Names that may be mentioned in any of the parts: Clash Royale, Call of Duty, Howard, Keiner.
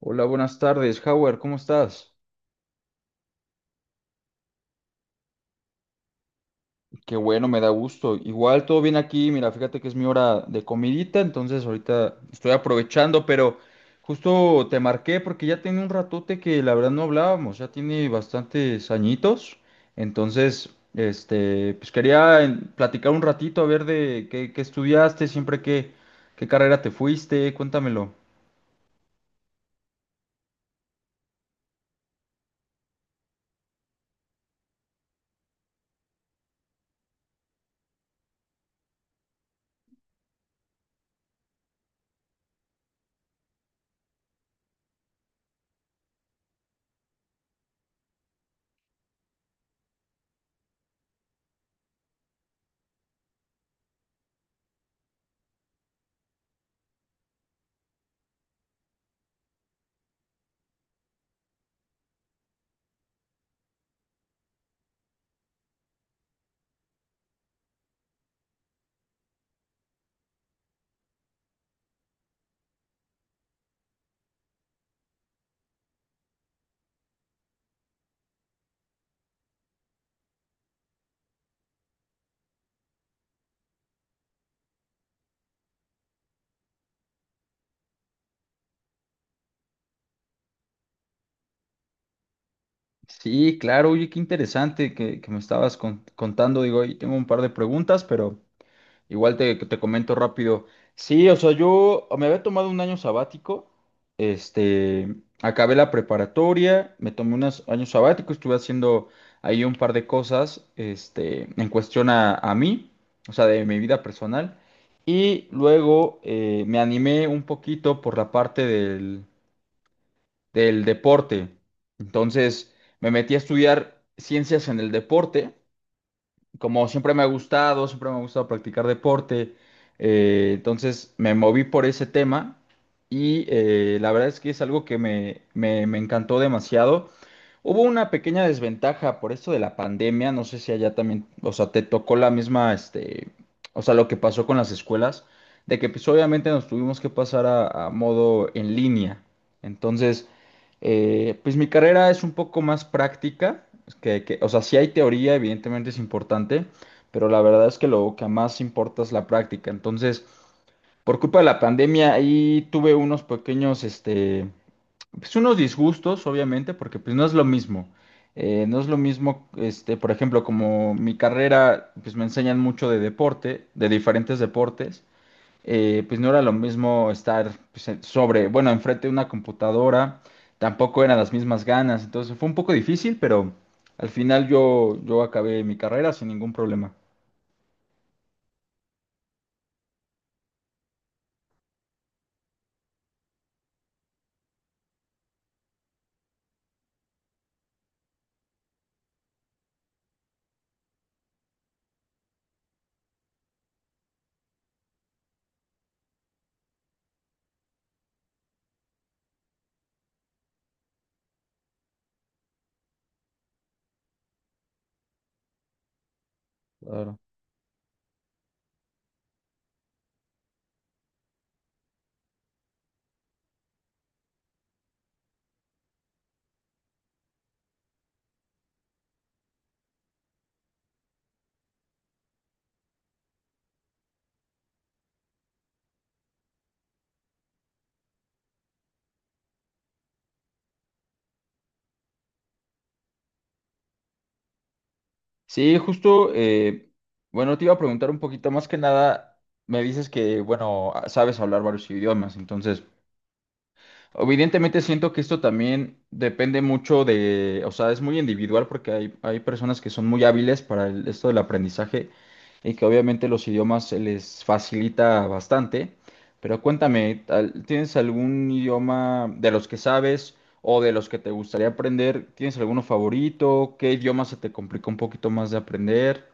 Hola, buenas tardes, Howard, ¿cómo estás? Qué bueno, me da gusto. Igual todo bien aquí, mira, fíjate que es mi hora de comidita, entonces ahorita estoy aprovechando, pero justo te marqué porque ya tiene un ratote que la verdad no hablábamos, ya tiene bastantes añitos, entonces, este, pues quería platicar un ratito a ver de qué, qué estudiaste, siempre qué, qué carrera te fuiste, cuéntamelo. Sí, claro, oye, qué interesante que me estabas contando, digo, ahí tengo un par de preguntas, pero... Igual te comento rápido. Sí, o sea, yo me había tomado un año sabático. Este, acabé la preparatoria, me tomé unos años sabático, estuve haciendo ahí un par de cosas, este, en cuestión a mí, o sea, de mi vida personal. Y luego me animé un poquito por la parte del deporte. Entonces, me metí a estudiar ciencias en el deporte como siempre me ha gustado, siempre me ha gustado practicar deporte, entonces me moví por ese tema y la verdad es que es algo que me encantó demasiado. Hubo una pequeña desventaja por esto de la pandemia, no sé si allá también, o sea, te tocó la misma, este, o sea, lo que pasó con las escuelas, de que pues obviamente nos tuvimos que pasar a modo en línea. Entonces, pues mi carrera es un poco más práctica, es que, o sea, sí hay teoría, evidentemente es importante, pero la verdad es que lo que más importa es la práctica. Entonces, por culpa de la pandemia, ahí tuve unos pequeños, este, pues unos disgustos, obviamente, porque pues no es lo mismo. No es lo mismo, este, por ejemplo, como mi carrera, pues me enseñan mucho de deporte, de diferentes deportes pues no era lo mismo estar pues, sobre, bueno, enfrente de una computadora, tampoco eran las mismas ganas, entonces fue un poco difícil, pero al final yo acabé mi carrera sin ningún problema. Claro. Sí, justo, bueno, te iba a preguntar un poquito más que nada, me dices que, bueno, sabes hablar varios idiomas, entonces... Evidentemente siento que esto también depende mucho de, o sea, es muy individual porque hay personas que son muy hábiles para esto del aprendizaje y que obviamente los idiomas se les facilita bastante. Pero cuéntame, ¿tienes algún idioma de los que sabes o de los que te gustaría aprender? ¿Tienes alguno favorito? ¿Qué idioma se te complica un poquito más de aprender?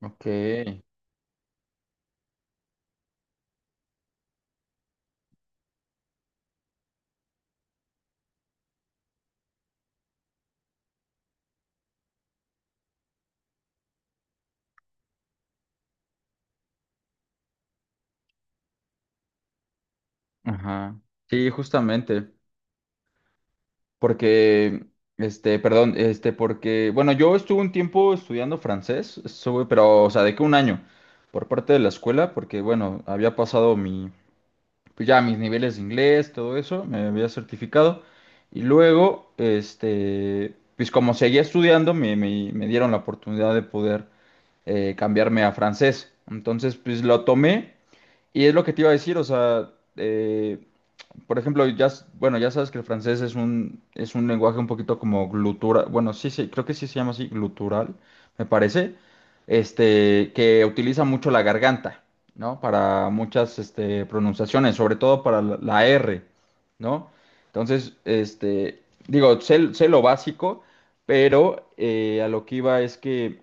Ok, ajá. Sí, justamente. Porque, este, perdón, este, porque, bueno, yo estuve un tiempo estudiando francés, estuve, pero, o sea, de que un año por parte de la escuela, porque, bueno, había pasado mi, pues ya mis niveles de inglés, todo eso, me había certificado. Y luego, este, pues como seguía estudiando, me dieron la oportunidad de poder cambiarme a francés. Entonces, pues lo tomé y es lo que te iba a decir, o sea, por ejemplo, ya, bueno, ya sabes que el francés es un lenguaje un poquito como glutural, bueno, sí, sí, creo que sí se llama así, glutural, me parece, este, que utiliza mucho la garganta, ¿no? Para muchas, este, pronunciaciones, sobre todo para la R, ¿no? Entonces, este, digo, sé, sé lo básico, pero a lo que iba es que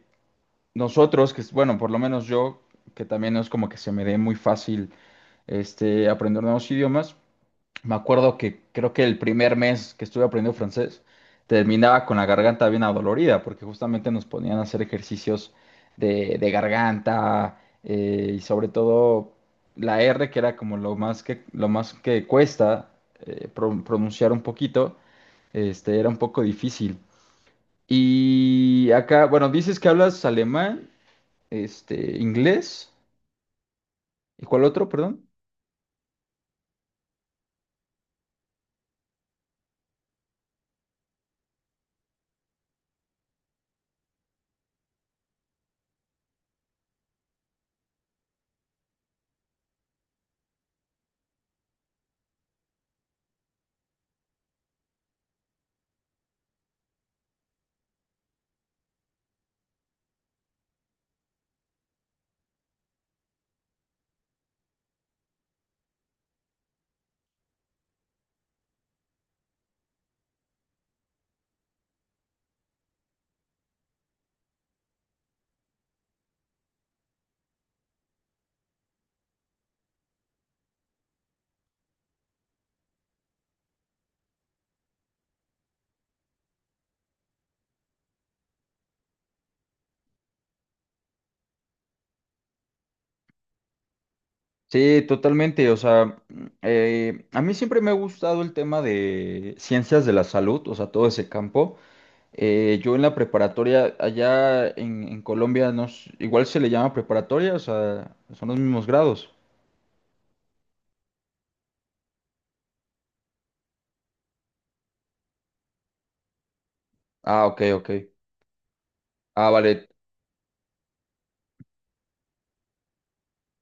nosotros, que, bueno, por lo menos yo, que también no es como que se me dé muy fácil, este, aprender nuevos idiomas, me acuerdo que creo que el primer mes que estuve aprendiendo francés terminaba con la garganta bien adolorida, porque justamente nos ponían a hacer ejercicios de garganta y sobre todo la R, que era como lo más que cuesta pronunciar un poquito, este, era un poco difícil. Y acá, bueno, dices que hablas alemán, este, inglés, ¿y cuál otro, perdón? Sí, totalmente. O sea, a mí siempre me ha gustado el tema de ciencias de la salud, o sea, todo ese campo. Yo en la preparatoria, allá en Colombia, no, igual se le llama preparatoria, o sea, son los mismos grados. Ah, ok, ok. Ah, vale.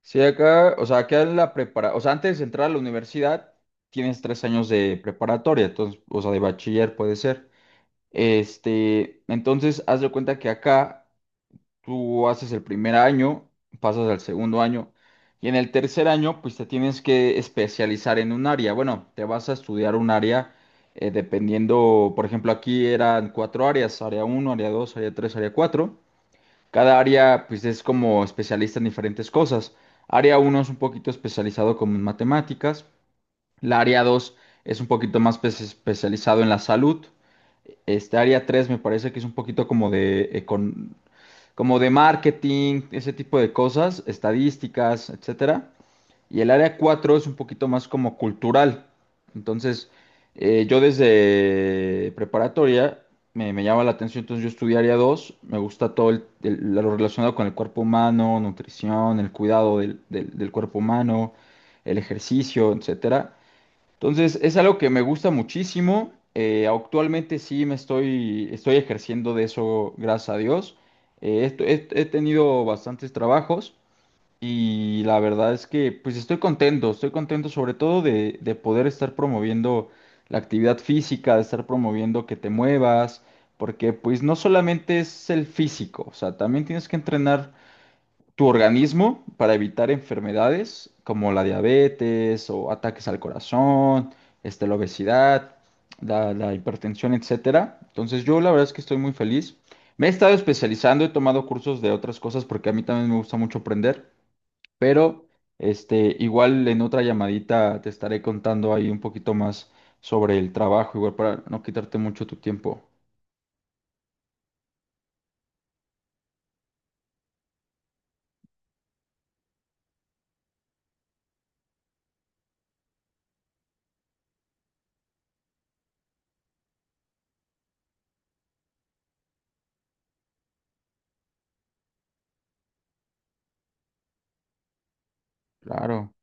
Sí, acá, o sea, acá en la prepara, o sea, antes de entrar a la universidad, tienes tres años de preparatoria, entonces, o sea, de bachiller puede ser. Este, entonces, haz de cuenta que acá. Tú haces el primer año, pasas al segundo año y en el tercer año pues te tienes que especializar en un área. Bueno, te vas a estudiar un área dependiendo, por ejemplo, aquí eran cuatro áreas, área uno, área dos, área tres, área cuatro. Cada área pues es como especialista en diferentes cosas. Área uno es un poquito especializado como en matemáticas, la área 2 es un poquito más especializado en la salud. Este área 3 me parece que es un poquito como de marketing, ese tipo de cosas, estadísticas, etcétera. Y el área 4 es un poquito más como cultural. Entonces, yo desde preparatoria me llama la atención, entonces yo estudié área 2, me gusta todo lo relacionado con el cuerpo humano, nutrición, el cuidado del cuerpo humano, el ejercicio, etcétera. Entonces, es algo que me gusta muchísimo. Actualmente sí me estoy ejerciendo de eso, gracias a Dios. He, he tenido bastantes trabajos y la verdad es que pues estoy contento sobre todo de poder estar promoviendo la actividad física, de estar promoviendo que te muevas, porque pues no solamente es el físico, o sea, también tienes que entrenar tu organismo para evitar enfermedades como la diabetes o ataques al corazón, este, la obesidad, la hipertensión, etcétera. Entonces yo la verdad es que estoy muy feliz. Me he estado especializando, he tomado cursos de otras cosas porque a mí también me gusta mucho aprender, pero este, igual en otra llamadita te estaré contando ahí un poquito más sobre el trabajo, igual para no quitarte mucho tu tiempo. Claro.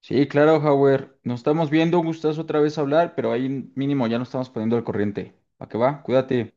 Sí, claro, Howard. Nos estamos viendo, un gustazo otra vez hablar, pero ahí mínimo ya nos estamos poniendo al corriente. ¿A qué va? Cuídate.